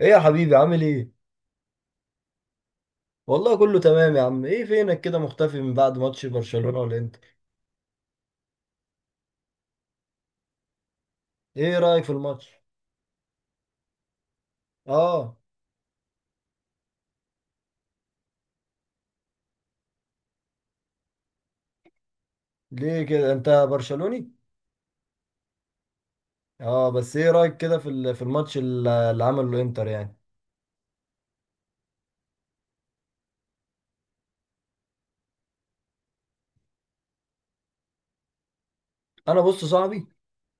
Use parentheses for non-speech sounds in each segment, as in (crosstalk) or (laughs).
ايه يا حبيبي؟ عامل ايه؟ والله كله تمام يا عم، ايه فينك كده مختفي من بعد ماتش برشلونة والانتر؟ ايه رأيك في الماتش؟ اه. ليه كده، انت برشلوني؟ اه بس ايه رأيك كده في الماتش اللي عمله الانتر يعني؟ انا بص صاحبي،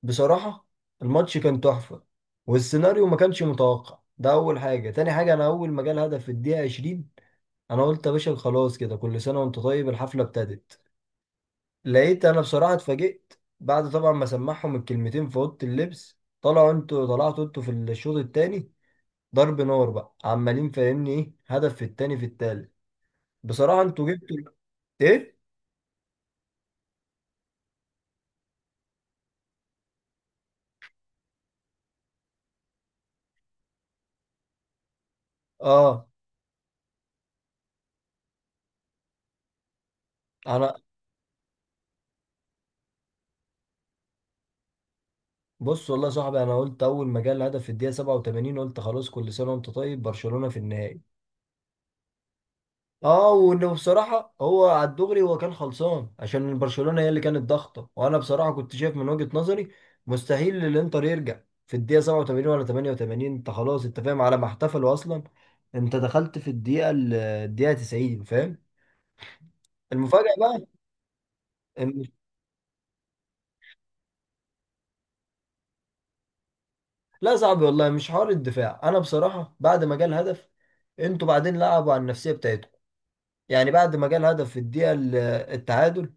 بصراحة الماتش كان تحفة، والسيناريو ما كانش متوقع، ده اول حاجة. تاني حاجة، انا اول ما جه الهدف في الدقيقة 20 انا قلت يا باشا خلاص، كده كل سنة وانت طيب، الحفلة ابتدت. لقيت انا بصراحه اتفاجئت بعد طبعا ما سمعهم الكلمتين في اوضه اللبس، طلعوا انتوا، طلعتوا انتوا في الشوط الثاني ضرب نار بقى، عمالين فاهمني ايه، هدف في الثاني في الثالث. بصراحه انتوا جبتوا ايه. اه. انا بص والله يا صاحبي، انا قلت اول ما جه الهدف في الدقيقه 87 قلت خلاص كل سنه وانت طيب، برشلونه في النهائي. اه، وانه بصراحه هو على الدغري هو كان خلصان، عشان برشلونه هي اللي كانت ضاغطه، وانا بصراحه كنت شايف من وجهه نظري مستحيل الانتر يرجع في الدقيقه 87 ولا 88. انت خلاص انت فاهم، على ما احتفلوا اصلا انت دخلت الدقيقه 90، فاهم؟ المفاجاه بقى. إن- لا، صعب والله، مش حوار الدفاع. انا بصراحه بعد ما جه الهدف انتوا بعدين لعبوا على النفسيه بتاعتكم. يعني بعد ما جه الهدف التعادل،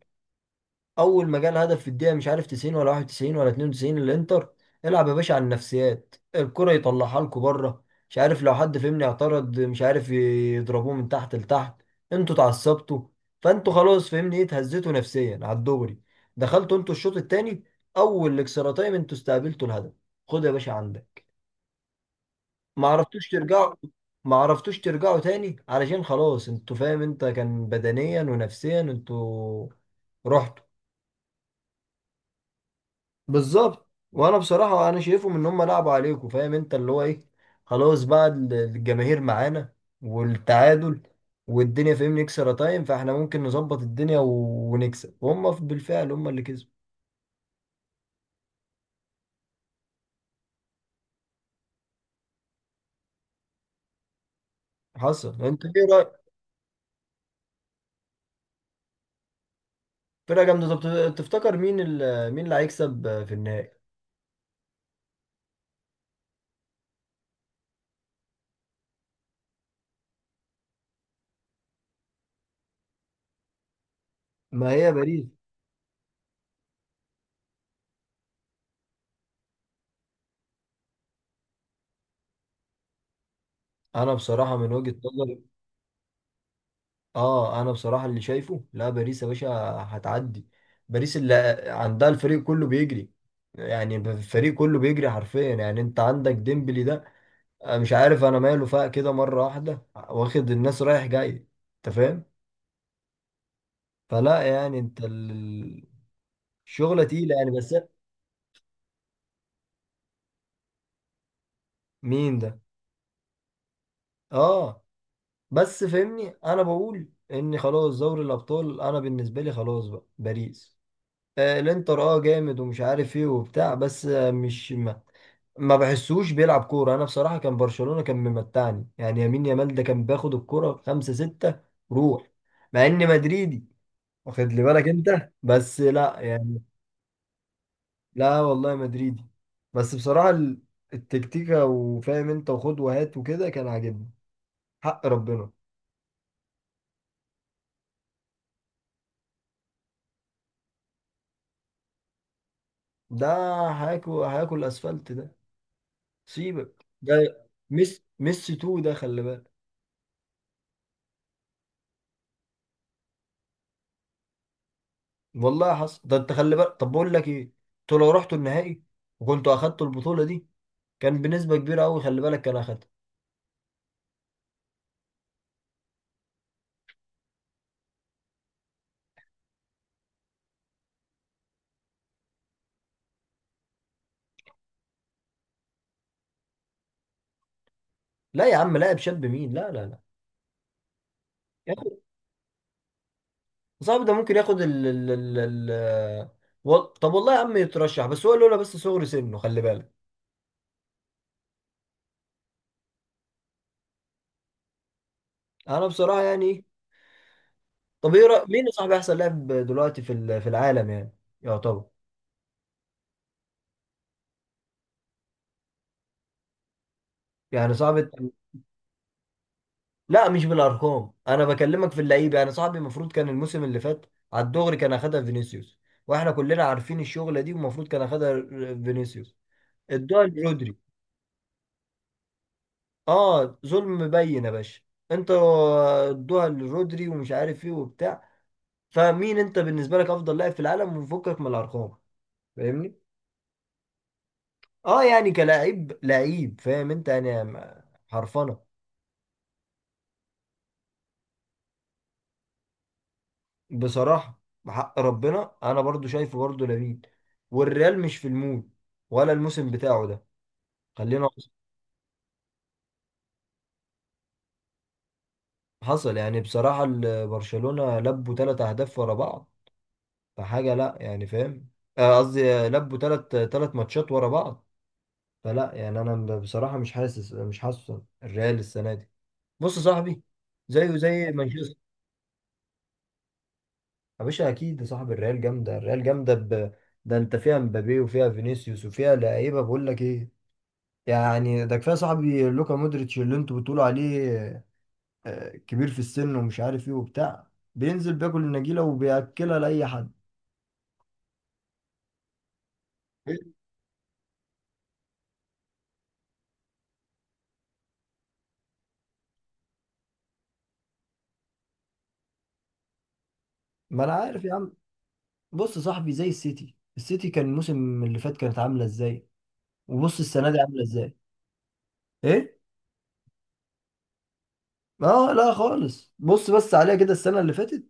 اول ما جال هدف في الدقيقه مش عارف 90 ولا 91 ولا 92 الانتر، العب يا باشا على النفسيات، الكره يطلعها لكم بره. مش عارف، لو حد فهمني اعترض، مش عارف يضربوه من تحت لتحت. انتوا اتعصبتوا، فانتوا خلاص فهمني ايه، اتهزيتوا نفسيا على الدغري، دخلتوا انتوا الشوط الثاني، اول اكسترا تايم انتوا استقبلتوا الهدف، خد يا باشا عندك. ما عرفتوش ترجعوا، ما عرفتوش ترجعوا تاني، علشان خلاص انتوا فاهم انت، كان بدنيا ونفسيا انتوا رحتوا. بالظبط. وانا بصراحه انا شايفهم ان هم لعبوا عليكم، فاهم انت اللي هو ايه، خلاص بقى الجماهير معانا والتعادل والدنيا فاهمني اكسترا تايم، فاحنا ممكن نظبط الدنيا ونكسب، وهم بالفعل هم اللي كسبوا. حصل، انت ايه رايك؟ فرقه جامده. طب تفتكر مين مين اللي هيكسب في النهائي؟ ما هي باريس. انا بصراحه من وجهه نظري، اه انا بصراحه اللي شايفه، لا باريس يا باشا هتعدي. باريس اللي عندها الفريق كله بيجري، يعني الفريق كله بيجري حرفيا، يعني انت عندك ديمبلي ده، أنا مش عارف انا، ماله فاق كده مره واحده واخد الناس رايح جاي، انت فاهم. فلا يعني الشغله تقيله يعني بس. مين ده؟ اه. بس فهمني انا بقول ان خلاص دوري الابطال انا بالنسبه لي خلاص بقى باريس. الانتر اه جامد ومش عارف ايه وبتاع بس مش ما بحسوش بيلعب كورة. أنا بصراحة كان برشلونة كان ممتعني يعني، يمين يامال ده كان بياخد الكورة خمسة ستة روح، مع إني مدريدي، واخد لي بالك أنت، بس لا يعني. لا والله مدريدي بس بصراحة التكتيكة وفاهم أنت، وخد وهات وكده، كان عاجبني. حق ربنا ده هياكل، هياكل أسفلت ده. سيبك، ده ميسي، ميسي تو ده، خلي بالك. والله حصل ده، أنت خلي بالك. طب بقول لك إيه، أنتوا لو رحتوا النهائي وكنتوا أخدتوا البطولة دي، كان بنسبة كبيرة أوي خلي بالك كان أخدها. لا يا عم، لاعب شاب مين، لا لا لا. ياخد، صعب ده، ممكن ياخد طب والله يا عم يترشح، بس هو لولا بس صغر سنه خلي بالك. أنا بصراحة يعني إيه، طب مين يا صاحبي أحسن لاعب دلوقتي في العالم يعني، يعتبر. يعني صعب الت- لا مش بالأرقام، أنا بكلمك في اللعيبة، يعني صاحبي المفروض كان الموسم اللي فات على الدغري كان أخدها فينيسيوس، واحنا كلنا عارفين الشغلة دي، والمفروض كان أخدها فينيسيوس. ادوها لرودري. اه ظلم مبين يا باشا، انتوا ادوها لرودري ومش عارف ايه وبتاع. فمين انت بالنسبه لك افضل لاعب في العالم، وفكك من الارقام فاهمني. اه يعني كلاعب لعيب فاهم انت، يعني حرفنه. بصراحه بحق ربنا انا برضو شايفه برضو لامين، والريال مش في المود ولا الموسم بتاعه ده، خلينا. حصل. يعني بصراحه برشلونه لبوا ثلاث اهداف ورا بعض، فحاجه لا يعني فاهم. قصدي لبوا ثلاث ماتشات ورا بعض. فلا يعني انا بصراحه مش حاسس، مش حاسس الريال السنه دي. بص يا صاحبي زيه زي مانشستر. يا باشا اكيد يا صاحبي الريال جامده، الريال جامده ده انت فيها مبابي وفيها فينيسيوس وفيها لعيبه، بقول لك ايه، يعني ده كفايه يا صاحبي لوكا مودريتش اللي انتوا بتقولوا عليه كبير في السن ومش عارف ايه وبتاع، بينزل بياكل النجيله وبياكلها لاي حد. ما انا عارف يا عم. بص يا صاحبي زي السيتي، السيتي كان الموسم اللي فات كانت عامله ازاي، وبص السنه دي عامله ازاي. ايه. اه لا خالص، بص بس عليها كده السنة اللي فاتت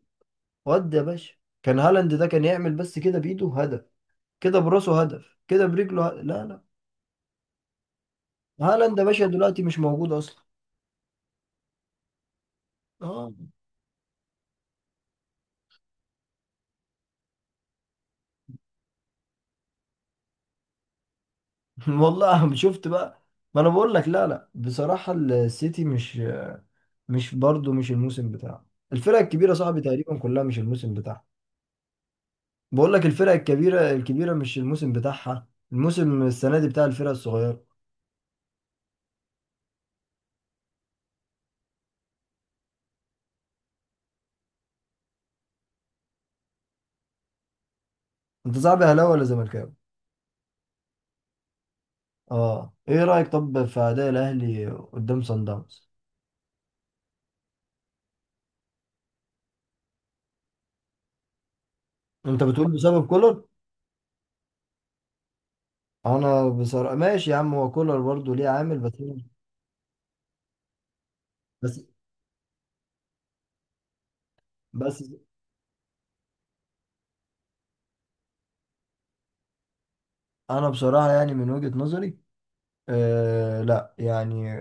ودي يا باشا، كان هالاند ده كان يعمل بس كده بإيده هدف، كده براسه هدف، كده برجله هدف. لا لا. هالاند يا باشا دلوقتي مش موجود أصلا. اه. (laughs) والله شفت بقى، ما أنا بقول لك، لا لا بصراحة السيتي مش، مش برضه مش الموسم بتاعه، الفرق الكبيرة صاحبي تقريبا كلها مش الموسم بتاعها. بقول لك الفرق الكبيرة الكبيرة مش الموسم بتاعها، الموسم السنة دي بتاع الفرق الصغيرة. أنت صاحبي أهلاوي ولا زملكاوي؟ اه ايه رأيك طب في اداء الاهلي قدام صن داونز؟ انت بتقول بسبب كولر. انا بصراحة ماشي يا عم، هو كولر برضه ليه عامل، بس أنا- بس بس انا بصراحة يعني من وجهة نظري، لا يعني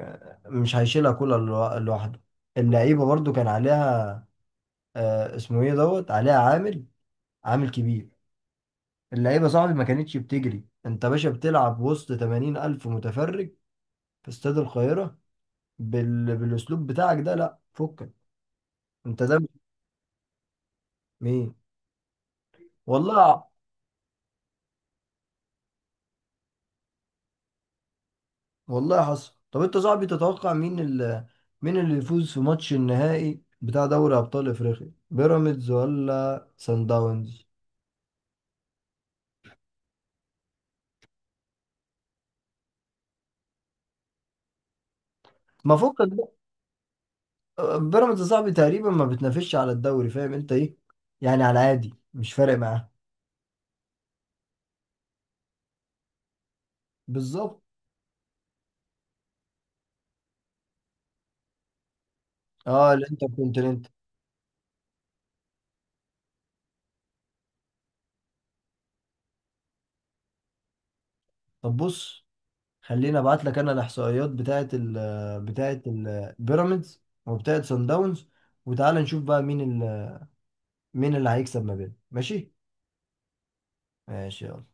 مش هيشيلها كولر لوحده، اللعيبة برضه كان عليها، آه اسمه ايه دوت عليها، عامل، عامل كبير. اللعيبة صاحبي ما كانتش بتجري، انت باشا بتلعب وسط 80 ألف متفرج في استاد القاهرة بالاسلوب بتاعك ده، لا فكك انت ده. مين؟ والله. والله حصل. طب انت صاحبي تتوقع مين اللي يفوز في ماتش النهائي بتاع دوري ابطال افريقيا، بيراميدز ولا سان داونز؟ ما فكك بقى. بيراميدز يا صاحبي تقريبا ما بتنافسش على الدوري، فاهم انت ايه، يعني على العادي مش فارق معاه. بالظبط. اه الانتر كونتيننتال. طب بص، خليني ابعت لك انا الاحصائيات بتاعه بيراميدز وبتاعه سان داونز، وتعالى نشوف بقى مين اللي هيكسب ما بينهم، ماشي؟ ماشي، يلا.